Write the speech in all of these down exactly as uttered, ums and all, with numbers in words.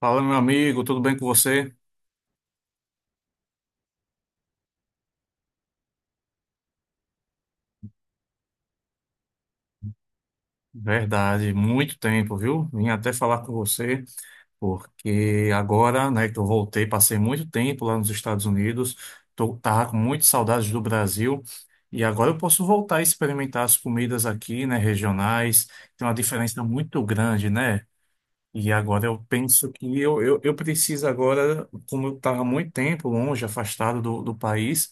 Fala, meu amigo, tudo bem com você? Verdade, muito tempo, viu? Vim até falar com você, porque agora, né, que eu voltei, passei muito tempo lá nos Estados Unidos, tô, tava com muitas saudades do Brasil, e agora eu posso voltar a experimentar as comidas aqui, né, regionais. Tem uma diferença muito grande, né? E agora eu penso que eu, eu, eu preciso agora, como eu estava muito tempo longe, afastado do, do país,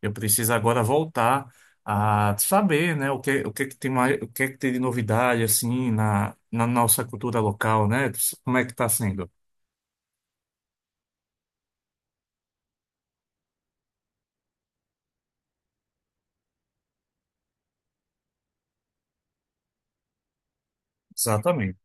eu preciso agora voltar a saber, né, o que, o que que tem mais, o que é que tem de novidade, assim, na, na nossa cultura local, né? Como é que está sendo? Exatamente.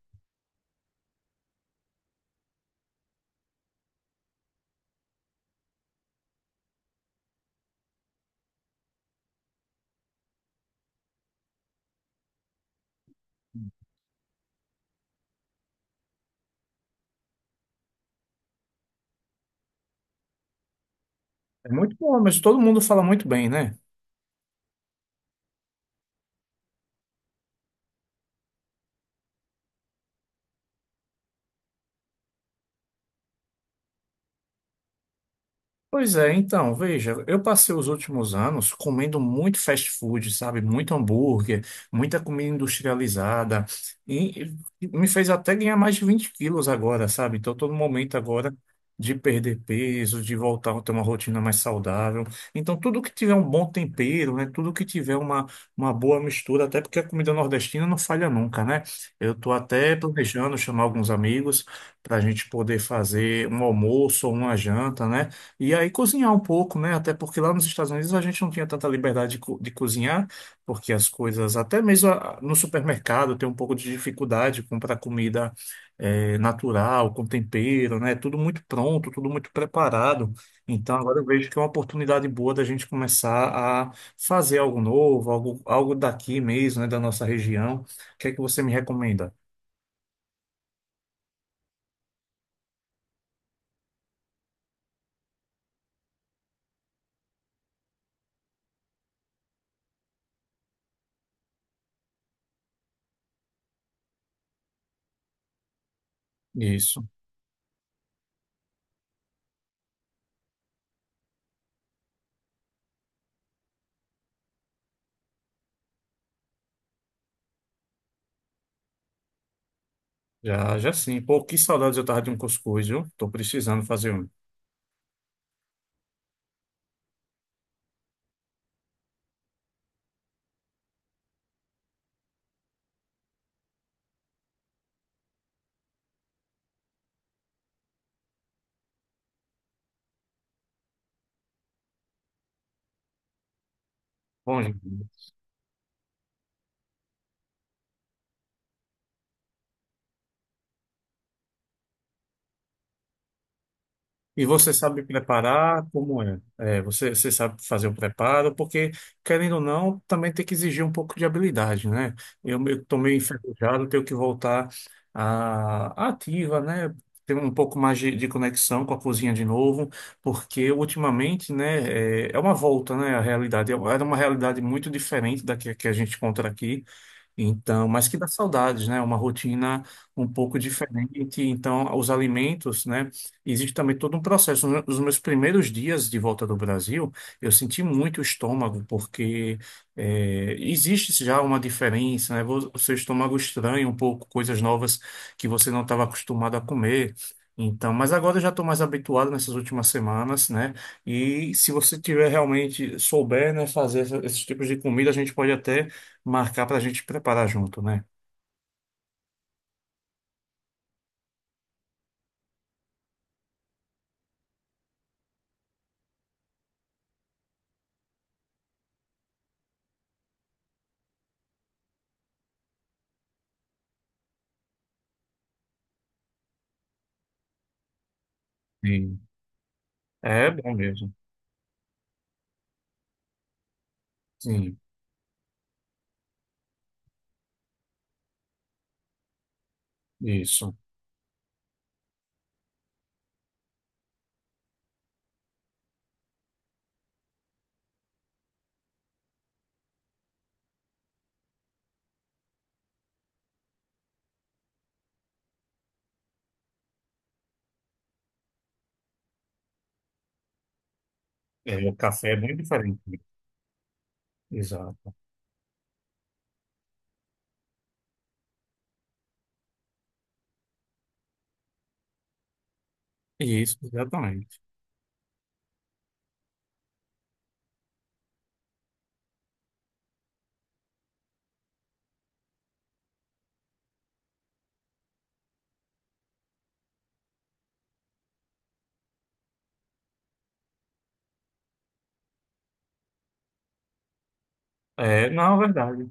É muito bom, mas todo mundo fala muito bem, né? Pois é, então, veja, eu passei os últimos anos comendo muito fast food, sabe? Muito hambúrguer, muita comida industrializada, e e me fez até ganhar mais de vinte quilos agora, sabe? Então, estou no momento agora de perder peso, de voltar a ter uma rotina mais saudável. Então, tudo que tiver um bom tempero, né? Tudo que tiver uma, uma boa mistura, até porque a comida nordestina não falha nunca, né? Eu estou até planejando chamar alguns amigos para a gente poder fazer um almoço ou uma janta, né? E aí cozinhar um pouco, né? Até porque lá nos Estados Unidos a gente não tinha tanta liberdade de, co- de cozinhar, porque as coisas, até mesmo a- no supermercado, tem um pouco de dificuldade de comprar comida eh, natural, com tempero, né? Tudo muito pronto, tudo muito preparado. Então agora eu vejo que é uma oportunidade boa da gente começar a fazer algo novo, algo, algo daqui mesmo, né? Da nossa região. O que é que você me recomenda? Isso, já, já sim. Pô, que saudades eu tava de um cuscuz, viu? Tô precisando fazer um. Bom, gente. E você sabe preparar? Como é? É, você, você sabe fazer o preparo? Porque, querendo ou não, também tem que exigir um pouco de habilidade, né? Eu estou meio enferrujado, tenho que voltar à à ativa, né? Ter um pouco mais de, de conexão com a cozinha de novo, porque ultimamente, né, é, é uma volta, né, à realidade. É- Era uma realidade muito diferente da que, que a gente encontra aqui. Então, mas que dá saudades, né? Uma rotina um pouco diferente. Então, os alimentos, né? Existe também todo um processo. Nos nos meus primeiros dias de volta do Brasil, eu senti muito o estômago, porque eh, existe já uma diferença, né? Vo- O seu estômago estranha um pouco coisas novas que você não estava acostumado a comer. Então, mas agora eu já estou mais habituado nessas últimas semanas, né? E se você tiver realmente souber, né, fazer essa- esses tipos de comida, a gente pode até marcar para a gente preparar junto, né? Sim. É bom mesmo. Sim, isso. É, o café é bem diferente. Exato. Isso, exatamente. É, não, é verdade.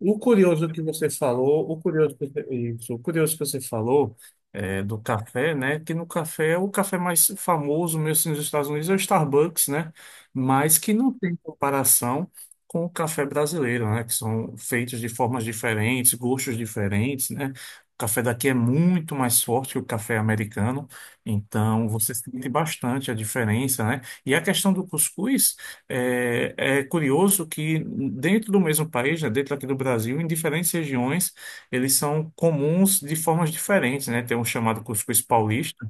O curioso que você falou, o curioso que você, isso, O curioso que você falou é, do café, né? Que no café, é o café mais famoso mesmo assim, nos Estados Unidos é o Starbucks, né? Mas que não tem comparação com o café brasileiro, né? Que são feitos de formas diferentes, gostos diferentes, né? O café daqui é muito mais forte que o café americano, então você sente bastante a diferença, né? E a questão do cuscuz. É, é curioso que dentro do mesmo país, né, dentro aqui do Brasil, em diferentes regiões, eles são comuns de formas diferentes, né? Tem um chamado cuscuz paulista,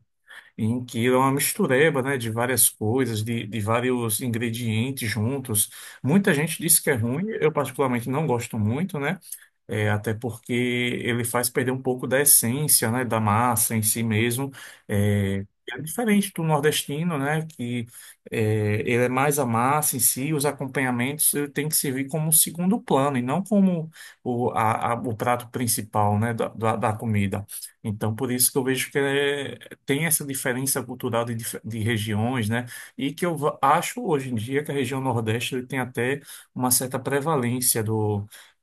em que é uma mistureba, né, de várias coisas, de, de vários ingredientes juntos. Muita gente diz que é ruim, eu particularmente não gosto muito, né? É, até porque ele faz perder um pouco da essência, né, da massa em si mesmo. É, é diferente do nordestino, né, que é, ele é mais a massa em si, os acompanhamentos ele tem que servir como segundo plano e não como o, a- a- o prato principal, né, da, da- da comida. Então, por isso que eu vejo que é- tem essa diferença cultural de, dif- de regiões, né, e que eu va- acho hoje em dia que a região nordeste ele tem até uma certa prevalência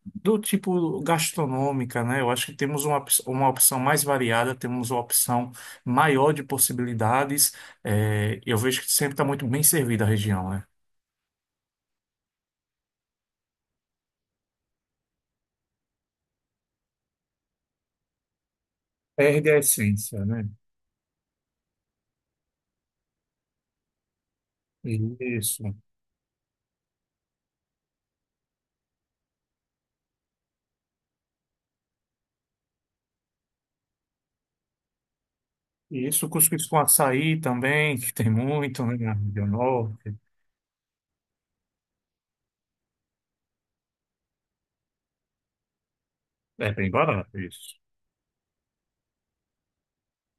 do tipo gastronômica, né? Eu acho que temos uma, op- uma opção mais variada, temos uma opção maior de possibilidades. É, eu vejo que sempre está muito bem servida a região, né? Perde a essência, né? Isso. E isso, cuscuz com açaí também, que tem muito, né? Na região norte. É bem barato isso.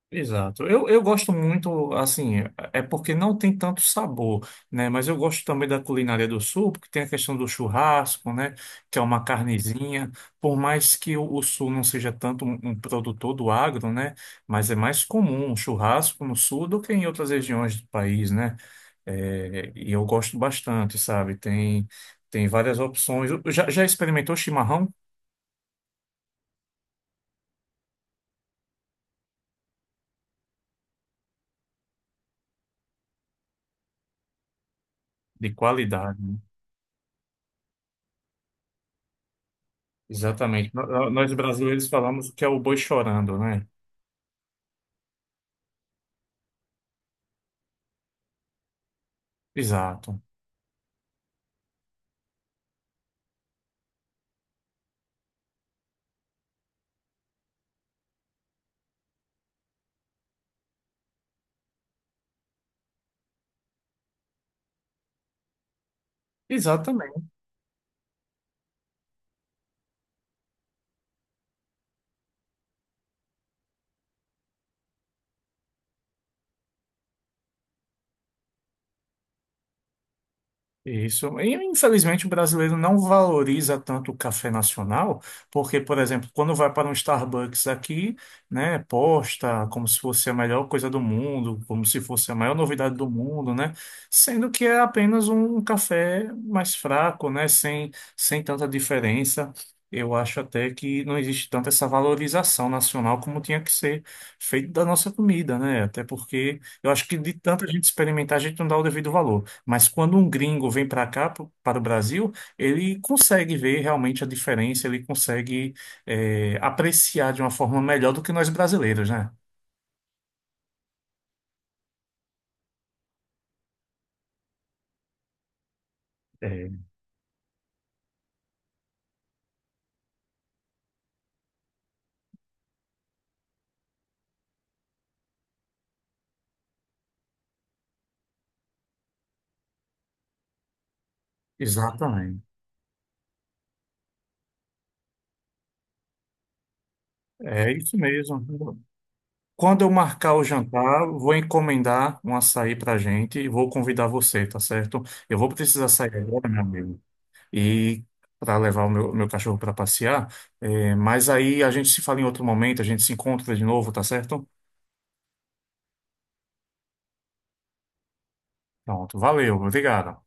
Exato. Eu, eu gosto muito, assim, é porque não tem tanto sabor, né? Mas eu gosto também da culinária do sul, porque tem a questão do churrasco, né? Que é uma carnezinha. Por mais que o, o sul não seja tanto um, um produtor do agro, né? Mas é mais comum um churrasco no sul do que em outras regiões do país, né? É, e eu gosto bastante, sabe? Tem, tem várias opções. Já, já experimentou chimarrão? De qualidade, né? Exatamente. No- Nós brasileiros falamos que é o boi chorando, né? Exato. Exato. Isso. E, infelizmente, o brasileiro não valoriza tanto o café nacional, porque, por exemplo, quando vai para um Starbucks aqui, né, posta como se fosse a melhor coisa do mundo, como se fosse a maior novidade do mundo, né, sendo que é apenas um café mais fraco, né, sem, sem tanta diferença. Eu acho até que não existe tanta essa valorização nacional como tinha que ser feito da nossa comida, né? Até porque eu acho que de tanta gente experimentar, a gente não dá o devido valor. Mas quando um gringo vem para cá, pro- para o Brasil, ele consegue ver realmente a diferença, ele consegue eh, apreciar de uma forma melhor do que nós brasileiros, né? É, exatamente. É isso mesmo. Quando eu marcar o jantar, vou encomendar um açaí para gente e vou convidar você, tá certo? Eu vou precisar sair agora, meu amigo, e para levar o meu, meu cachorro para passear. Eh, mas aí a gente se fala em outro momento, a gente se encontra de novo, tá certo? Pronto, valeu, obrigado.